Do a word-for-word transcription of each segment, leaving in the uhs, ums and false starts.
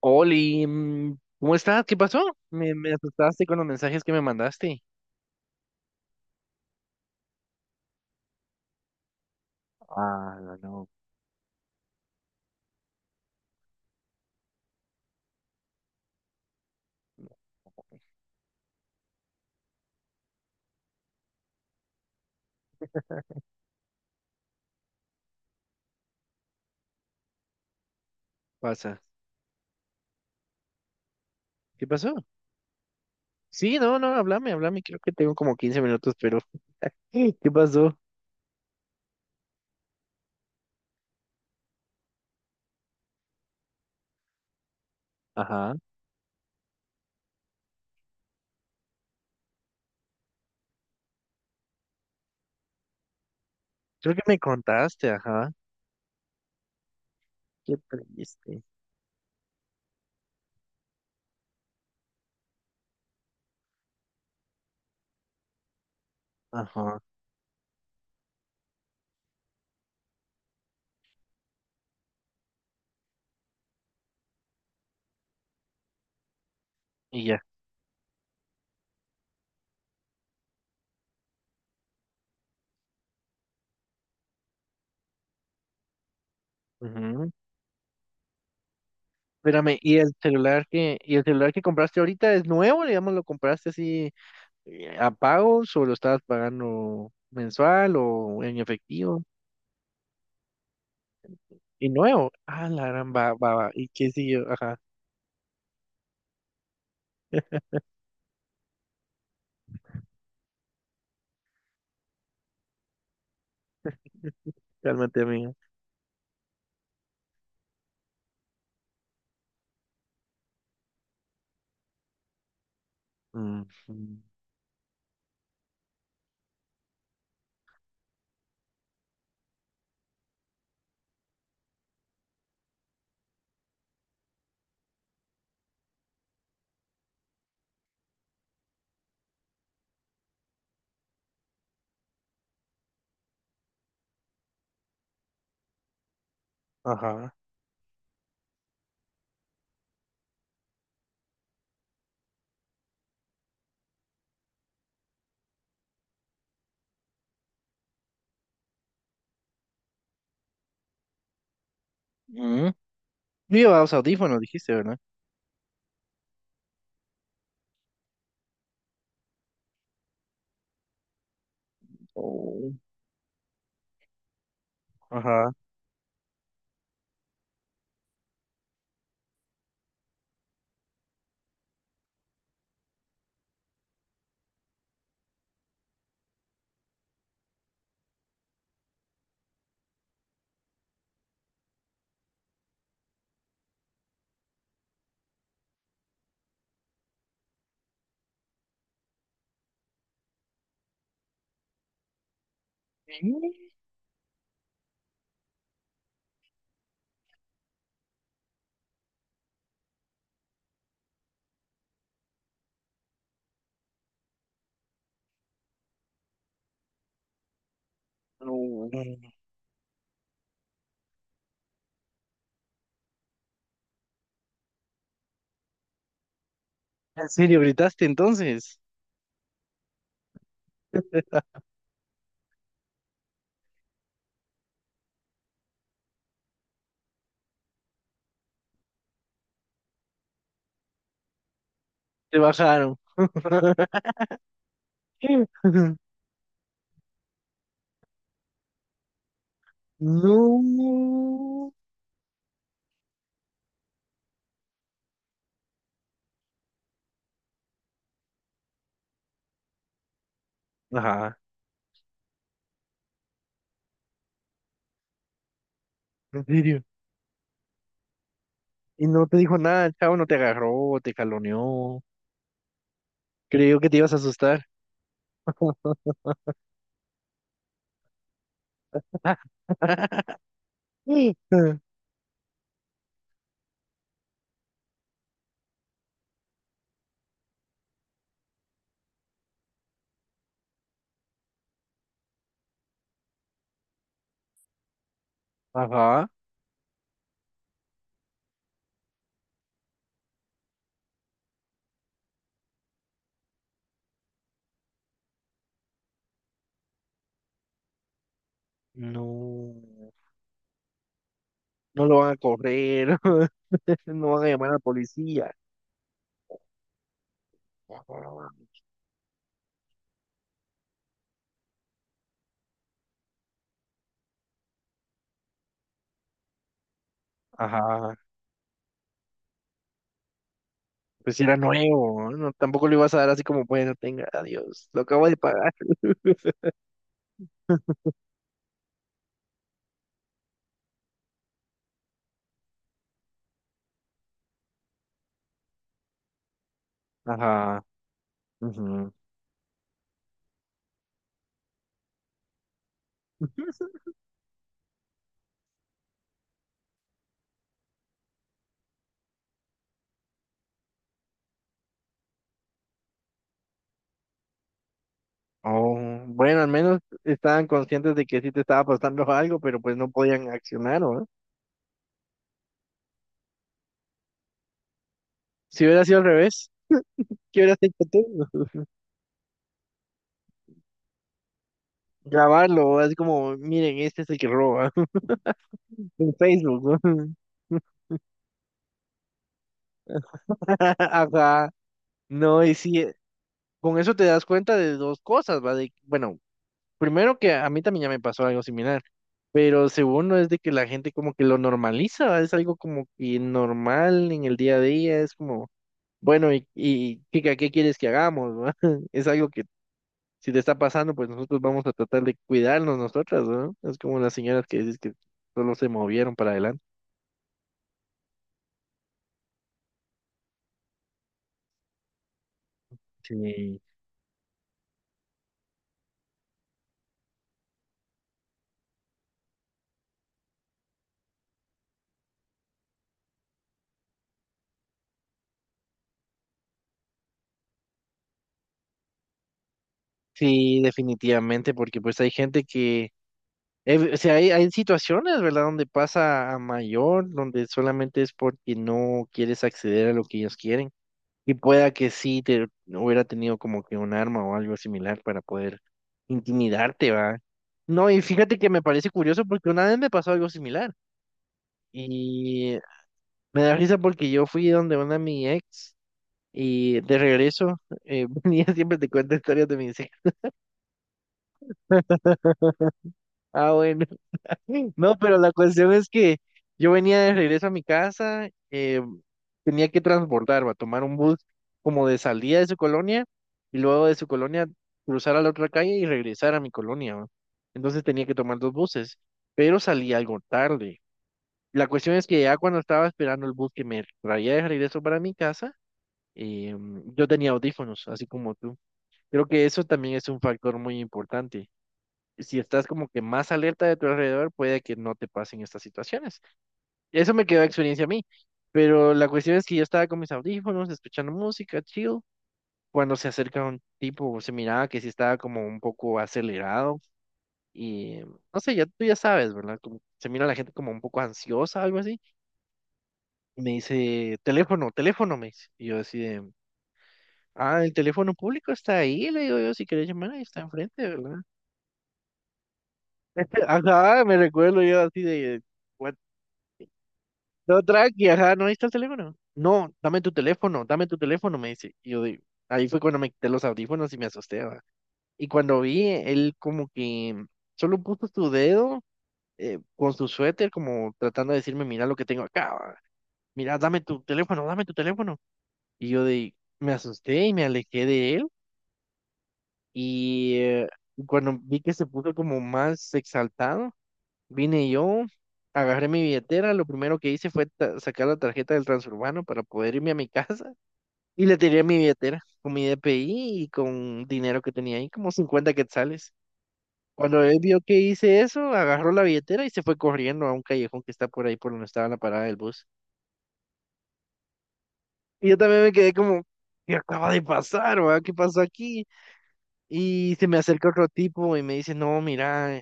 Oli, mm, ¿cómo estás? ¿Qué pasó? Me, me asustaste con los mensajes que me mandaste. Ah, no, no. Pasa. ¿Qué pasó? Sí, no, no, háblame, háblame. Creo que tengo como quince minutos, pero ¿qué pasó? Ajá, creo que me contaste, ajá. Qué triste. Ajá. Y ya. Ujú. Espérame, ¿y el celular que, ¿y el celular que compraste ahorita es nuevo? Digamos, ¿lo compraste así eh, a pagos o lo estabas pagando mensual o en efectivo? Y nuevo. Ah, la gran va, va, va. ¿Y qué siguió? Ajá. Realmente, amigo. Mm, mm, ajá. Mm. Llevabas audífonos, dijiste, ¿verdad? Oh, ajá. Sí. Oh. ¿En serio gritaste entonces? Te bajaron. No. Ajá. ¿En serio? Y no te dijo nada, el chavo no te agarró, te caloneó. Creyó que te ibas a asustar. Ajá. No, no lo van a correr, no van a llamar a la policía. Ajá, pues si era nuevo, no, tampoco le ibas a dar así como, bueno, tenga, adiós, lo acabo de pagar. Ajá. Ujú. Oh, bueno, al menos estaban conscientes de que sí te estaba pasando algo, pero pues no podían accionar, ¿no? Si hubiera sido al revés, ¿qué hubieras hecho tú? Grabarlo, así como, miren, este es el que roba, en Facebook, ¿no? Ajá. No, y sí, con eso te das cuenta de dos cosas, ¿va? De, bueno, primero que a mí también ya me pasó algo similar, pero segundo es de que la gente como que lo normaliza, ¿va? Es algo como que normal en el día a día, es como, bueno, ¿y, y chica, ¿qué quieres que hagamos, va? Es algo que si te está pasando, pues nosotros vamos a tratar de cuidarnos nosotras, ¿no? Es como las señoras que dices que solo se movieron para adelante. Sí, sí, definitivamente, porque pues hay gente que... Eh, o sea, hay, hay situaciones, ¿verdad?, donde pasa a mayor, donde solamente es porque no quieres acceder a lo que ellos quieren. Y pueda que sí te hubiera tenido como que un arma o algo similar para poder intimidarte, ¿va? No, y fíjate que me parece curioso porque una vez me pasó algo similar. Y me da risa porque yo fui donde una mi ex y de regreso, eh, venía, siempre te cuento historias de mis ex. Ah, bueno. No, pero la cuestión es que yo venía de regreso a mi casa, eh, tenía que transbordarme, a tomar un bus como de salida de su colonia y luego de su colonia cruzar a la otra calle y regresar a mi colonia, ¿va? Entonces tenía que tomar dos buses, pero salí algo tarde. La cuestión es que ya cuando estaba esperando el bus que me traía de regreso para mi casa, eh, yo tenía audífonos, así como tú. Creo que eso también es un factor muy importante, si estás como que más alerta de tu alrededor, puede que no te pasen estas situaciones. Eso me quedó de experiencia a mí. Pero la cuestión es que yo estaba con mis audífonos, escuchando música, chill. Cuando se acerca un tipo, se miraba que sí estaba como un poco acelerado. Y no sé, ya tú ya sabes, ¿verdad? Como se mira a la gente como un poco ansiosa, algo así. Y me dice, teléfono, teléfono, me dice. Y yo así de, ah, el teléfono público está ahí, le digo yo, si querés llamar, ahí está enfrente, ¿verdad? Ajá, me recuerdo yo así de, what. No, tranqui, ajá, no, ahí está el teléfono. No, dame tu teléfono, dame tu teléfono, me dice. Y yo digo, ahí fue cuando me quité los audífonos y me asusté, ¿va? Y cuando vi, él como que solo puso su dedo, eh, con su suéter, como tratando de decirme, mira lo que tengo acá, ¿va? Mira, dame tu teléfono, dame tu teléfono. Y yo de, me asusté y me alejé de él. Y eh, cuando vi que se puso como más exaltado, vine yo, agarré mi billetera, lo primero que hice fue ta- sacar la tarjeta del transurbano para poder irme a mi casa y le tiré mi billetera con mi D P I y con dinero que tenía ahí, como cincuenta quetzales. Cuando él vio que hice eso, agarró la billetera y se fue corriendo a un callejón que está por ahí por donde estaba la parada del bus. Y yo también me quedé como, ¿qué acaba de pasar, va? ¿Qué pasó aquí? Y se me acerca otro tipo y me dice, no, mira,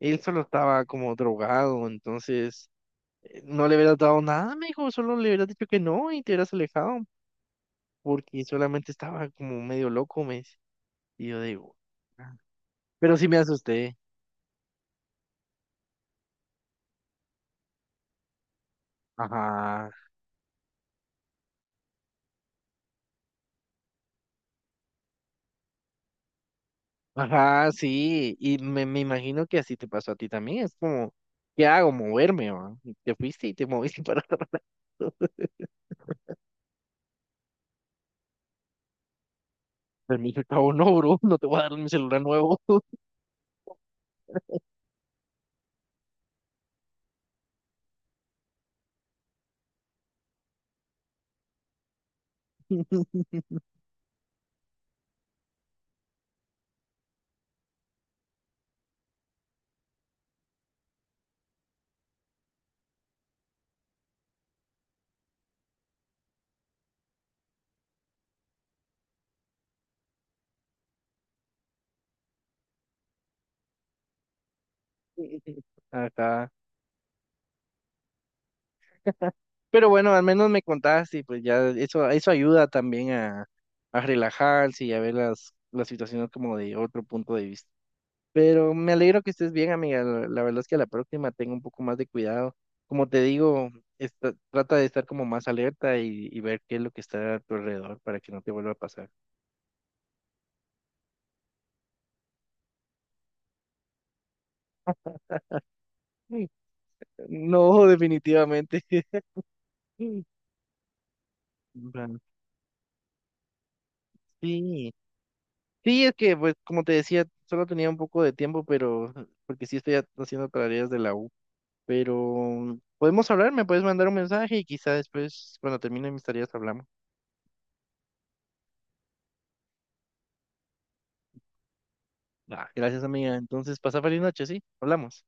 él solo estaba como drogado, entonces... No le hubieras dado nada, me dijo, solo le hubieras dicho que no y te hubieras alejado, porque solamente estaba como medio loco, me dice. Y yo digo, pero sí me asusté. Ajá, ajá, sí, y me, me imagino que así te pasó a ti también, es como, ¿qué hago? Moverme, va. Y te fuiste y te moviste para otro lado. Pero me dijo, el cabo, no, bro, no te voy a dar mi celular nuevo. Ajá. Pero bueno, al menos me contaste y pues ya eso, eso ayuda también a, a relajarse y a ver las, las situaciones como de otro punto de vista. Pero me alegro que estés bien, amiga. La, la verdad es que a la próxima tengo un poco más de cuidado. Como te digo, esta- trata de estar como más alerta y, y ver qué es lo que está a tu alrededor para que no te vuelva a pasar. Mm. No, definitivamente. Mm. Va, sí, sí, es que, pues, como te decía, solo tenía un poco de tiempo, pero porque sí estoy haciendo tareas de la U. Pero podemos hablar, me puedes mandar un mensaje y quizá después, cuando termine mis tareas, hablamos. Va, gracias, amiga. Entonces, pasa feliz noche, ¿sí? Hablamos.